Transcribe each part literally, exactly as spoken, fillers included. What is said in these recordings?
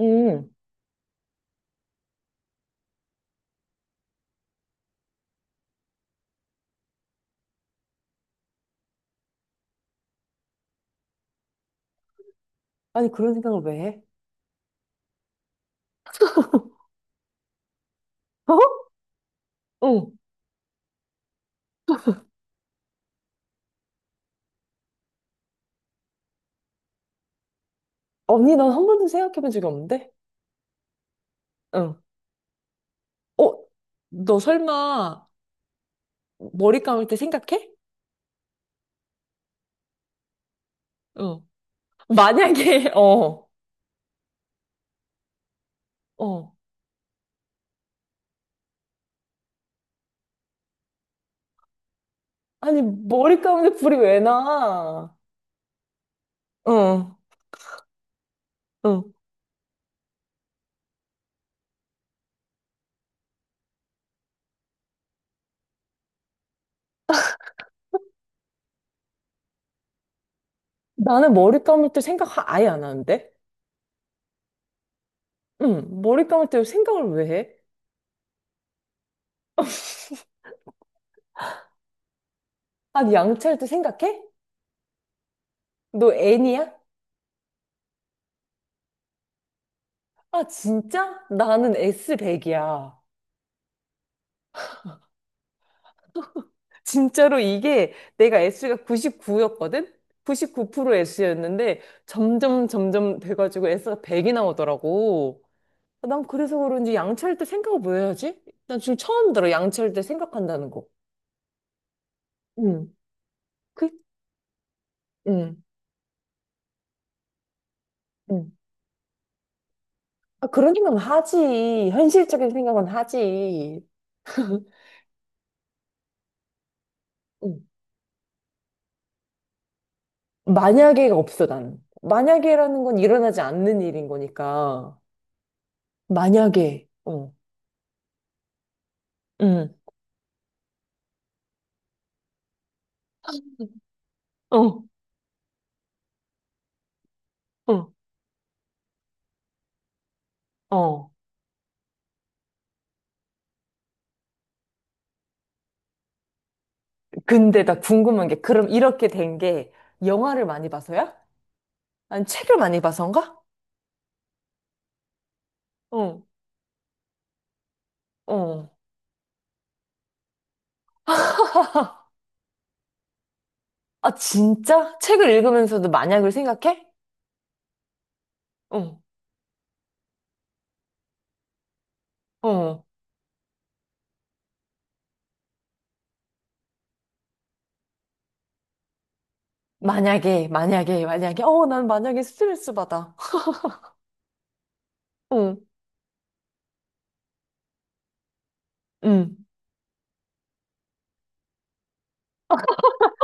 음. 아니, 그런 생각을 왜 해? 응 언니, 난 한 번도 생각해 본 적이 없는데? 응 어, 너 설마 머리 감을 때 생각해? 응 만약에, 어. 어, 아니, 머리 감는데 불이 왜 나? 응 응 나는 머리 감을 때 생각 하- 아예 안 하는데? 응, 머리 감을 때 생각을 왜 해? 아니, 양치할 때 생각해? 너 엔이야? 아, 진짜? 나는 에스 백이야. 진짜로 이게 내가 에스가 구십구였거든? 구십구 퍼센트 에스였는데 점점 점점 돼가지고 S가 백이 나오더라고. 아, 난 그래서 그런지 양치할 때 생각을 뭐 해야지? 난 지금 처음 들어, 양치할 때 생각한다는 거. 응. 그, 응, 응. 아, 그런 생각은 하지. 현실적인 생각은 하지. 응. 만약에가 없어, 나는. 만약에라는 건 일어나지 않는 일인 거니까. 만약에, 어. 응, 어, 어, 어. 근데 나 궁금한 게, 그럼 이렇게 된 게, 영화를 많이 봐서야? 아니, 책을 많이 봐서인가? 어, 어. 아, 진짜? 책을 읽으면서도 만약을 생각해? 어, 어. 만약에, 만약에, 만약에. 어, 난 만약에 스트레스 받아. 응, 응.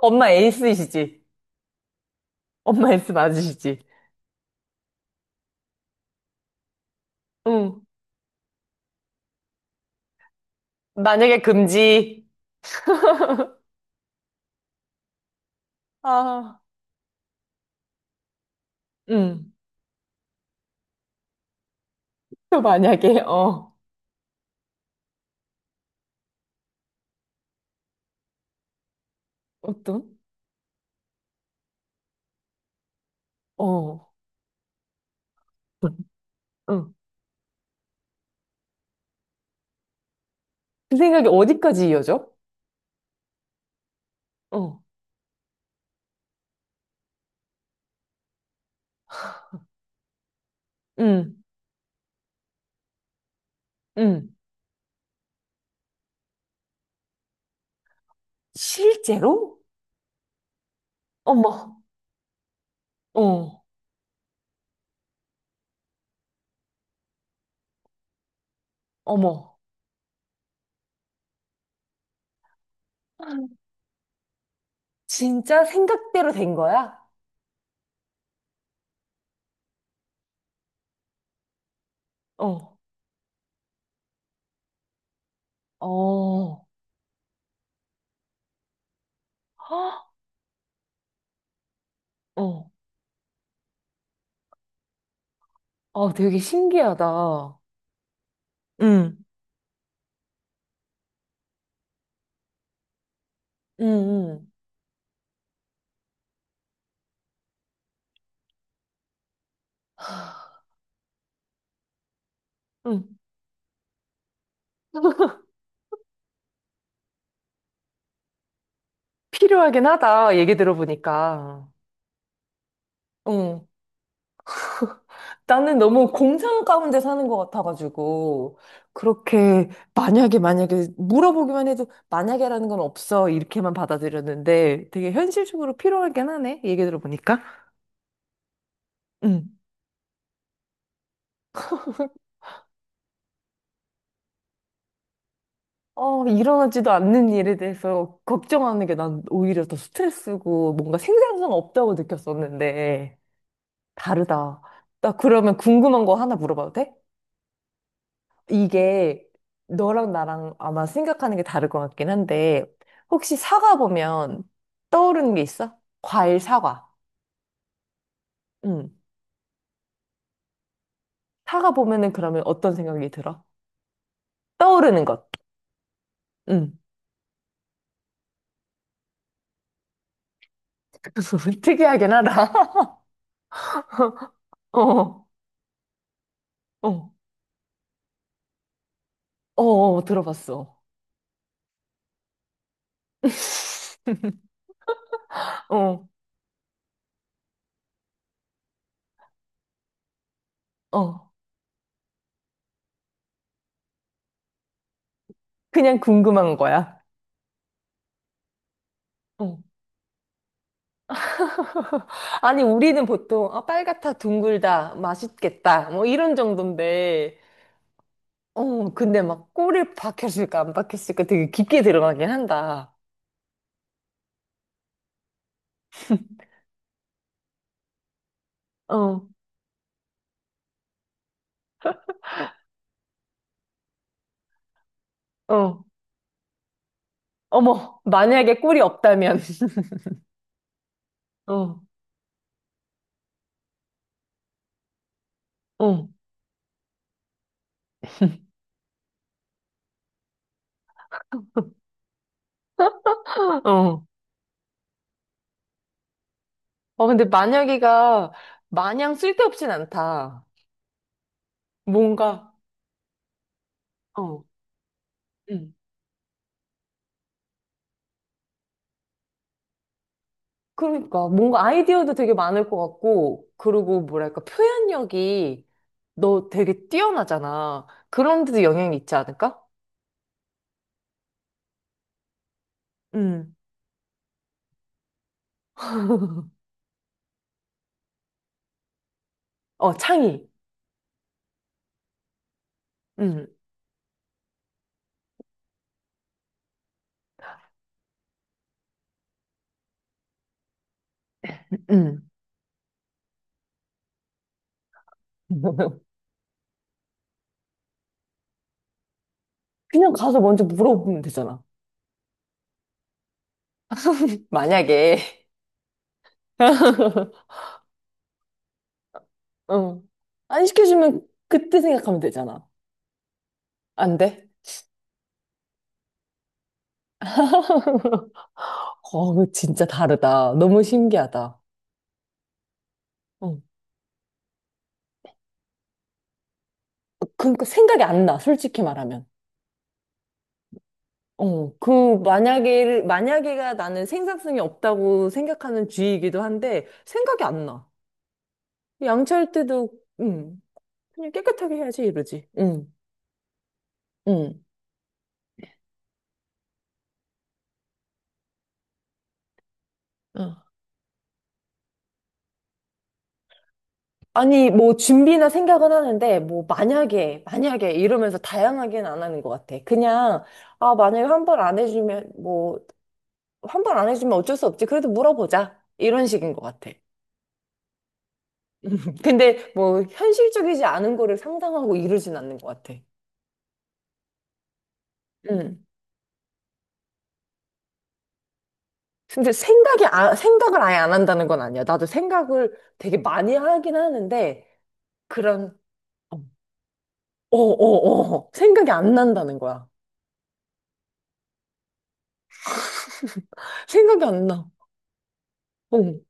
엄마 에이스이시지? 엄마 에이스 맞으시지? 응. 만약에 금지. 아, 응. 또 만약에, 어. 어떤? 어. 응. 그 생각이 어디까지 이어져? 어. 응. 응. 실제로? 어머, 어, 어머. 진짜 생각대로 된 거야? 어, 어, 어. 어, 아, 되게 신기하다. 응, 응, 응. 응, 필요하긴 하다. 얘기 들어보니까. 응, 나는 너무 공상 가운데 사는 것 같아가지고, 그렇게, 만약에, 만약에, 물어보기만 해도, 만약에라는 건 없어. 이렇게만 받아들였는데, 되게 현실적으로 필요하긴 하네. 얘기 들어보니까. 응. 어, 일어나지도 않는 일에 대해서 걱정하는 게 난 오히려 더 스트레스고 뭔가 생산성 없다고 느꼈었는데 다르다. 나 그러면 궁금한 거 하나 물어봐도 돼? 이게 너랑 나랑 아마 생각하는 게 다를 것 같긴 한데 혹시 사과 보면 떠오르는 게 있어? 과일 사과. 응. 사과 보면은 그러면 어떤 생각이 들어? 떠오르는 것. 응. 특이하긴 하다. 어, 어, 어, 어, 들어봤어. 어. 어, 그냥 궁금한 거야. 어. 아니, 우리는 보통, 아, 빨갛다, 둥글다, 맛있겠다, 뭐 이런 정도인데, 어, 근데 막 꿀이 박혔을까, 안 박혔을까 되게 깊게 들어가긴 한다. 어, 어, 어머, 만약에 꿀이 없다면, 어, 어. 어, 어, 근데 만약에가 마냥 쓸데없진 않다. 뭔가, 어. 응. 그러니까 뭔가 아이디어도 되게 많을 것 같고, 그리고 뭐랄까 표현력이 너 되게 뛰어나잖아. 그런 데도 영향이 있지 않을까? 음, 어, 창의. 음, 음. 그냥 가서 먼저 물어보면 되잖아. 만약에. 어. 안 시켜주면 그때 생각하면 되잖아. 안 돼? 어, 진짜 다르다. 너무 신기하다. 어. 그러니까 생각이 안 나, 솔직히 말하면. 어, 그, 만약에, 만약에가 나는 생산성이 없다고 생각하는 주의이기도 한데, 생각이 안 나. 양치할 때도, 음, 그냥 깨끗하게 해야지, 이러지. 음, 음. 어. 아니, 뭐, 준비나 생각은 하는데, 뭐, 만약에, 만약에, 이러면서 다양하게는 안 하는 것 같아. 그냥, 아, 만약에 한 번 안 해주면, 뭐, 한 번 안 해주면 어쩔 수 없지. 그래도 물어보자. 이런 식인 것 같아. 근데, 뭐, 현실적이지 않은 거를 상상하고 이러진 않는 것 같아. 응. 근데 생각이, 아, 생각을 아예 안 한다는 건 아니야. 나도 생각을 되게 많이 하긴 하는데, 그런, 어, 어, 어, 생각이 안 난다는 거야. 생각이 안 나. 어.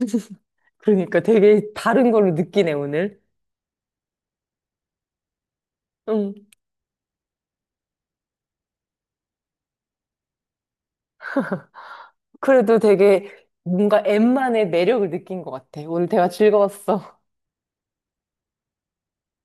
그러니까 되게 다른 걸로 느끼네, 오늘. 응. 그래도 되게 뭔가 엠만의 매력을 느낀 것 같아. 오늘 대화 즐거웠어.